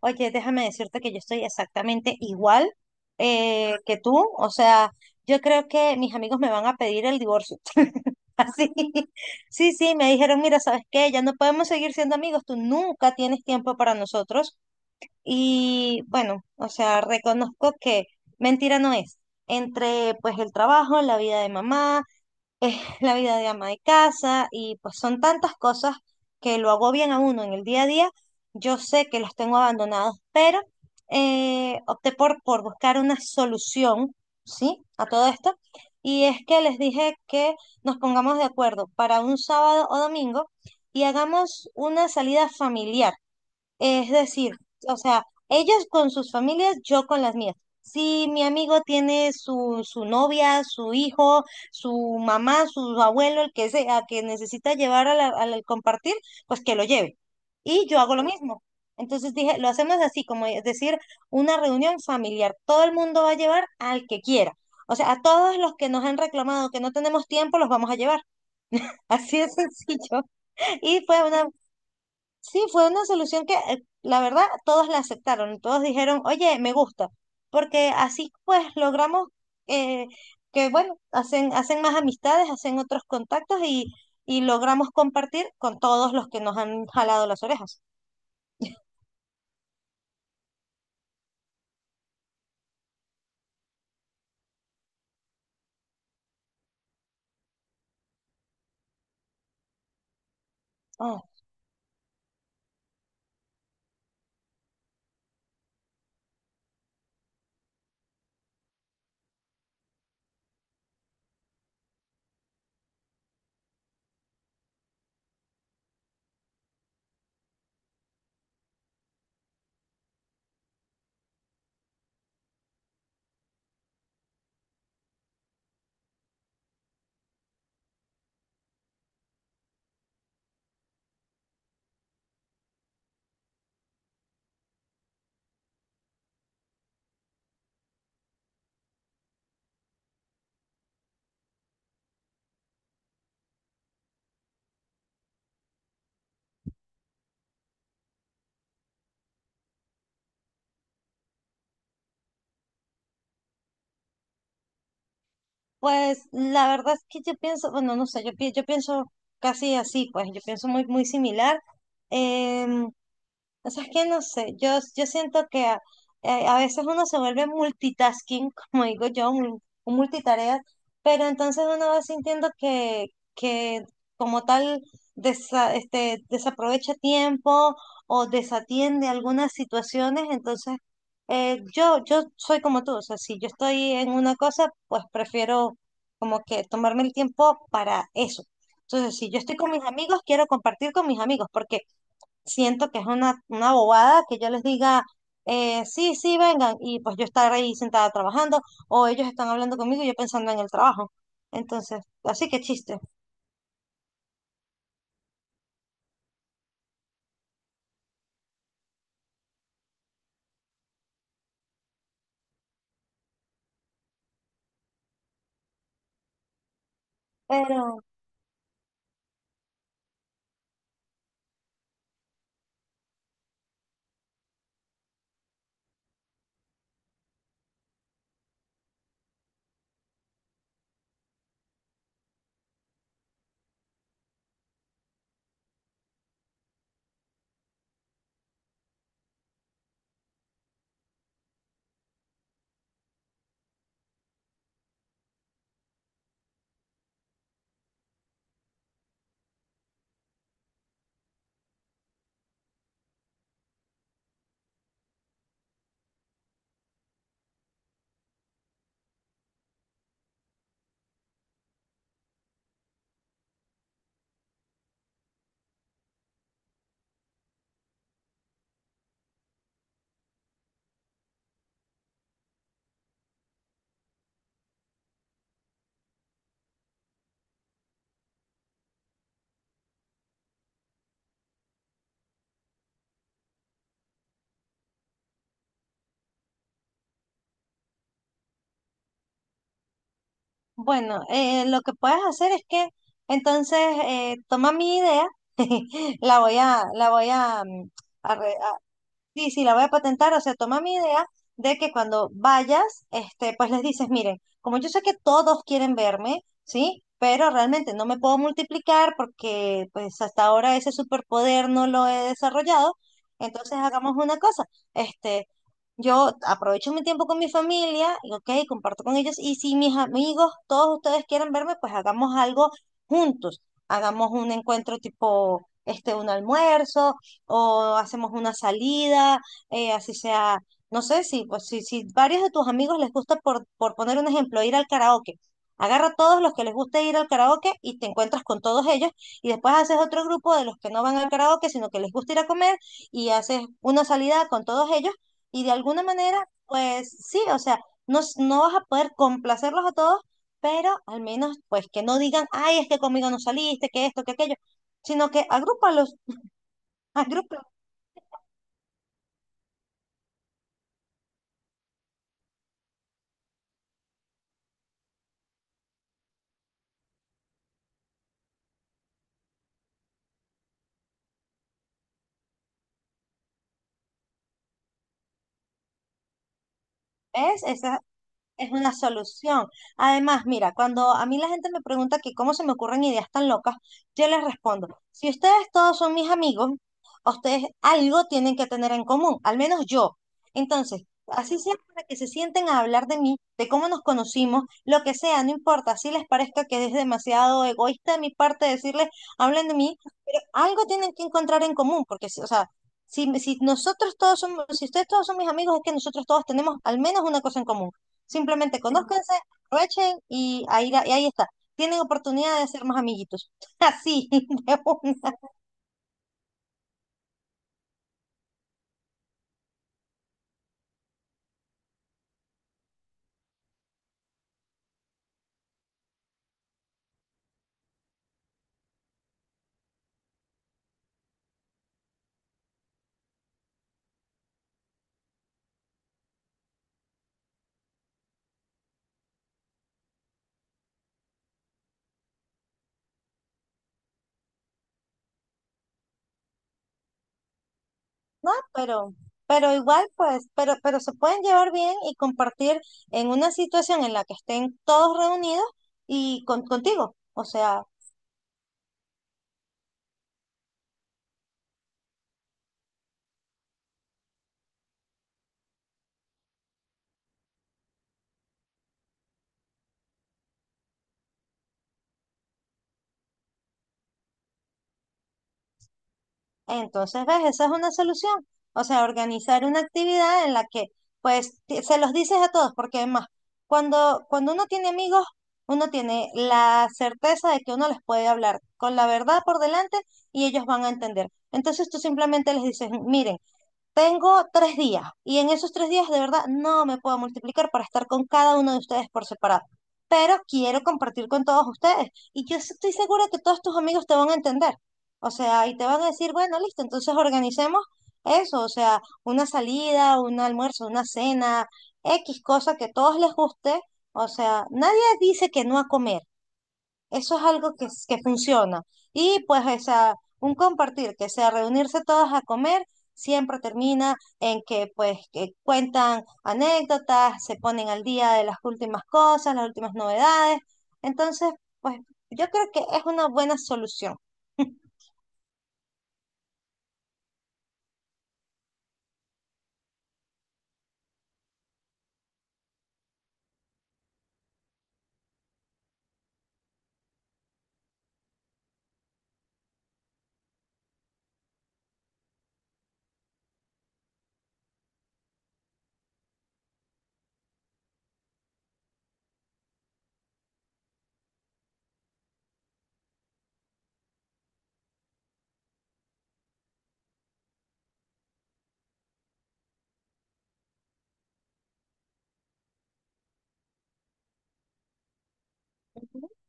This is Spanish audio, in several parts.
Oye, déjame decirte que yo estoy exactamente igual que tú. O sea, yo creo que mis amigos me van a pedir el divorcio. Así. Sí, sí, me dijeron, mira, ¿sabes qué? Ya no podemos seguir siendo amigos. Tú nunca tienes tiempo para nosotros. Y bueno, o sea, reconozco que mentira no es. Entre pues el trabajo, la vida de mamá, es la vida de ama de casa y pues son tantas cosas que lo agobian a uno en el día a día. Yo sé que los tengo abandonados, pero opté por buscar una solución, ¿sí? A todo esto. Y es que les dije que nos pongamos de acuerdo para un sábado o domingo y hagamos una salida familiar. Es decir, o sea, ellos con sus familias, yo con las mías. Si mi amigo tiene su novia, su hijo, su mamá, su abuelo, el que sea, que necesita llevar a al compartir, pues que lo lleve. Y yo hago lo mismo. Entonces dije, lo hacemos así, como es decir, una reunión familiar. Todo el mundo va a llevar al que quiera. O sea, a todos los que nos han reclamado que no tenemos tiempo, los vamos a llevar. Así de sencillo. Y fue una Sí, fue una solución que la verdad todos la aceptaron, todos dijeron, oye, me gusta, porque así pues logramos eh, que, bueno, hacen más amistades, hacen otros contactos y logramos compartir con todos los que nos han jalado las orejas. Ah, pues la verdad es que yo pienso, bueno, no sé, yo pienso casi así, pues yo pienso muy, muy similar. em, O sea, es que no sé, yo siento a veces uno se vuelve multitasking, como digo yo, un multitarea, pero entonces uno va sintiendo que como tal este, desaprovecha tiempo o desatiende algunas situaciones, entonces yo soy como tú, o sea, si yo estoy en una cosa, pues prefiero como que tomarme el tiempo para eso. Entonces, si yo estoy con mis amigos, quiero compartir con mis amigos, porque siento que es una bobada que yo les diga, sí, sí, vengan, y pues yo estar ahí sentada trabajando, o ellos están hablando conmigo y yo pensando en el trabajo. Entonces, así que chiste. Pero bueno, lo que puedes hacer es que entonces toma mi idea, la voy a, mm, a, re- Sí, sí, la voy a patentar, o sea, toma mi idea de que cuando vayas, este, pues les dices, miren, como yo sé que todos quieren verme, ¿sí? Pero realmente no me puedo multiplicar porque pues hasta ahora ese superpoder no lo he desarrollado, entonces hagamos una cosa, este, yo aprovecho mi tiempo con mi familia, y, ok, comparto con ellos, y si mis amigos, todos ustedes quieren verme, pues hagamos algo juntos, hagamos un encuentro tipo, este, un almuerzo o hacemos una salida, así sea, no sé si, pues, si, si varios de tus amigos les gusta, por poner un ejemplo, ir al karaoke. Agarra a todos los que les guste ir al karaoke y te encuentras con todos ellos y después haces otro grupo de los que no van al karaoke, sino que les gusta ir a comer y haces una salida con todos ellos y de alguna manera, pues sí, o sea, no vas a poder complacerlos a todos, pero al menos pues que no digan, ay, es que conmigo no saliste, que esto, que aquello, sino que agrúpalos, agrúpalos. ¿Ves? Esa, es una solución. Además, mira, cuando a mí la gente me pregunta que cómo se me ocurren ideas tan locas, yo les respondo, si ustedes todos son mis amigos, ustedes algo tienen que tener en común, al menos yo. Entonces, así sea para que se sienten a hablar de mí, de cómo nos conocimos, lo que sea, no importa, si les parezca que es demasiado egoísta de mi parte decirles, hablen de mí, pero algo tienen que encontrar en común, porque, o sea, si, si nosotros todos somos, si ustedes todos son mis amigos, es que nosotros todos tenemos al menos una cosa en común. Simplemente conózcanse, aprovechen y ahí, y ahí está. Tienen oportunidad de ser más amiguitos. Así, de una, ¿no? Pero igual, pues, pero se pueden llevar bien y compartir en una situación en la que estén todos reunidos y contigo. O sea, entonces, ¿ves? Esa es una solución. O sea, organizar una actividad en la que, pues, se los dices a todos, porque además, cuando uno tiene amigos, uno tiene la certeza de que uno les puede hablar con la verdad por delante y ellos van a entender. Entonces, tú simplemente les dices, miren, tengo 3 días y en esos 3 días de verdad no me puedo multiplicar para estar con cada uno de ustedes por separado, pero quiero compartir con todos ustedes y yo estoy segura que todos tus amigos te van a entender. O sea, y te van a decir, bueno, listo, entonces organicemos eso, o sea, una salida, un almuerzo, una cena, X cosa que a todos les guste. O sea, nadie dice que no a comer, eso es algo que funciona. Y pues, o sea, un compartir, que sea reunirse todas a comer, siempre termina en que pues que cuentan anécdotas, se ponen al día de las últimas cosas, las últimas novedades. Entonces, pues yo creo que es una buena solución.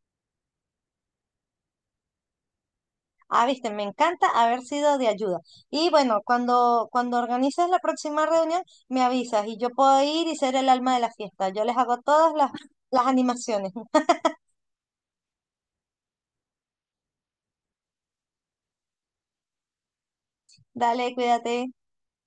Ah, viste, me encanta haber sido de ayuda. Y bueno, cuando organices la próxima reunión, me avisas y yo puedo ir y ser el alma de la fiesta. Yo les hago todas las animaciones. Dale, cuídate.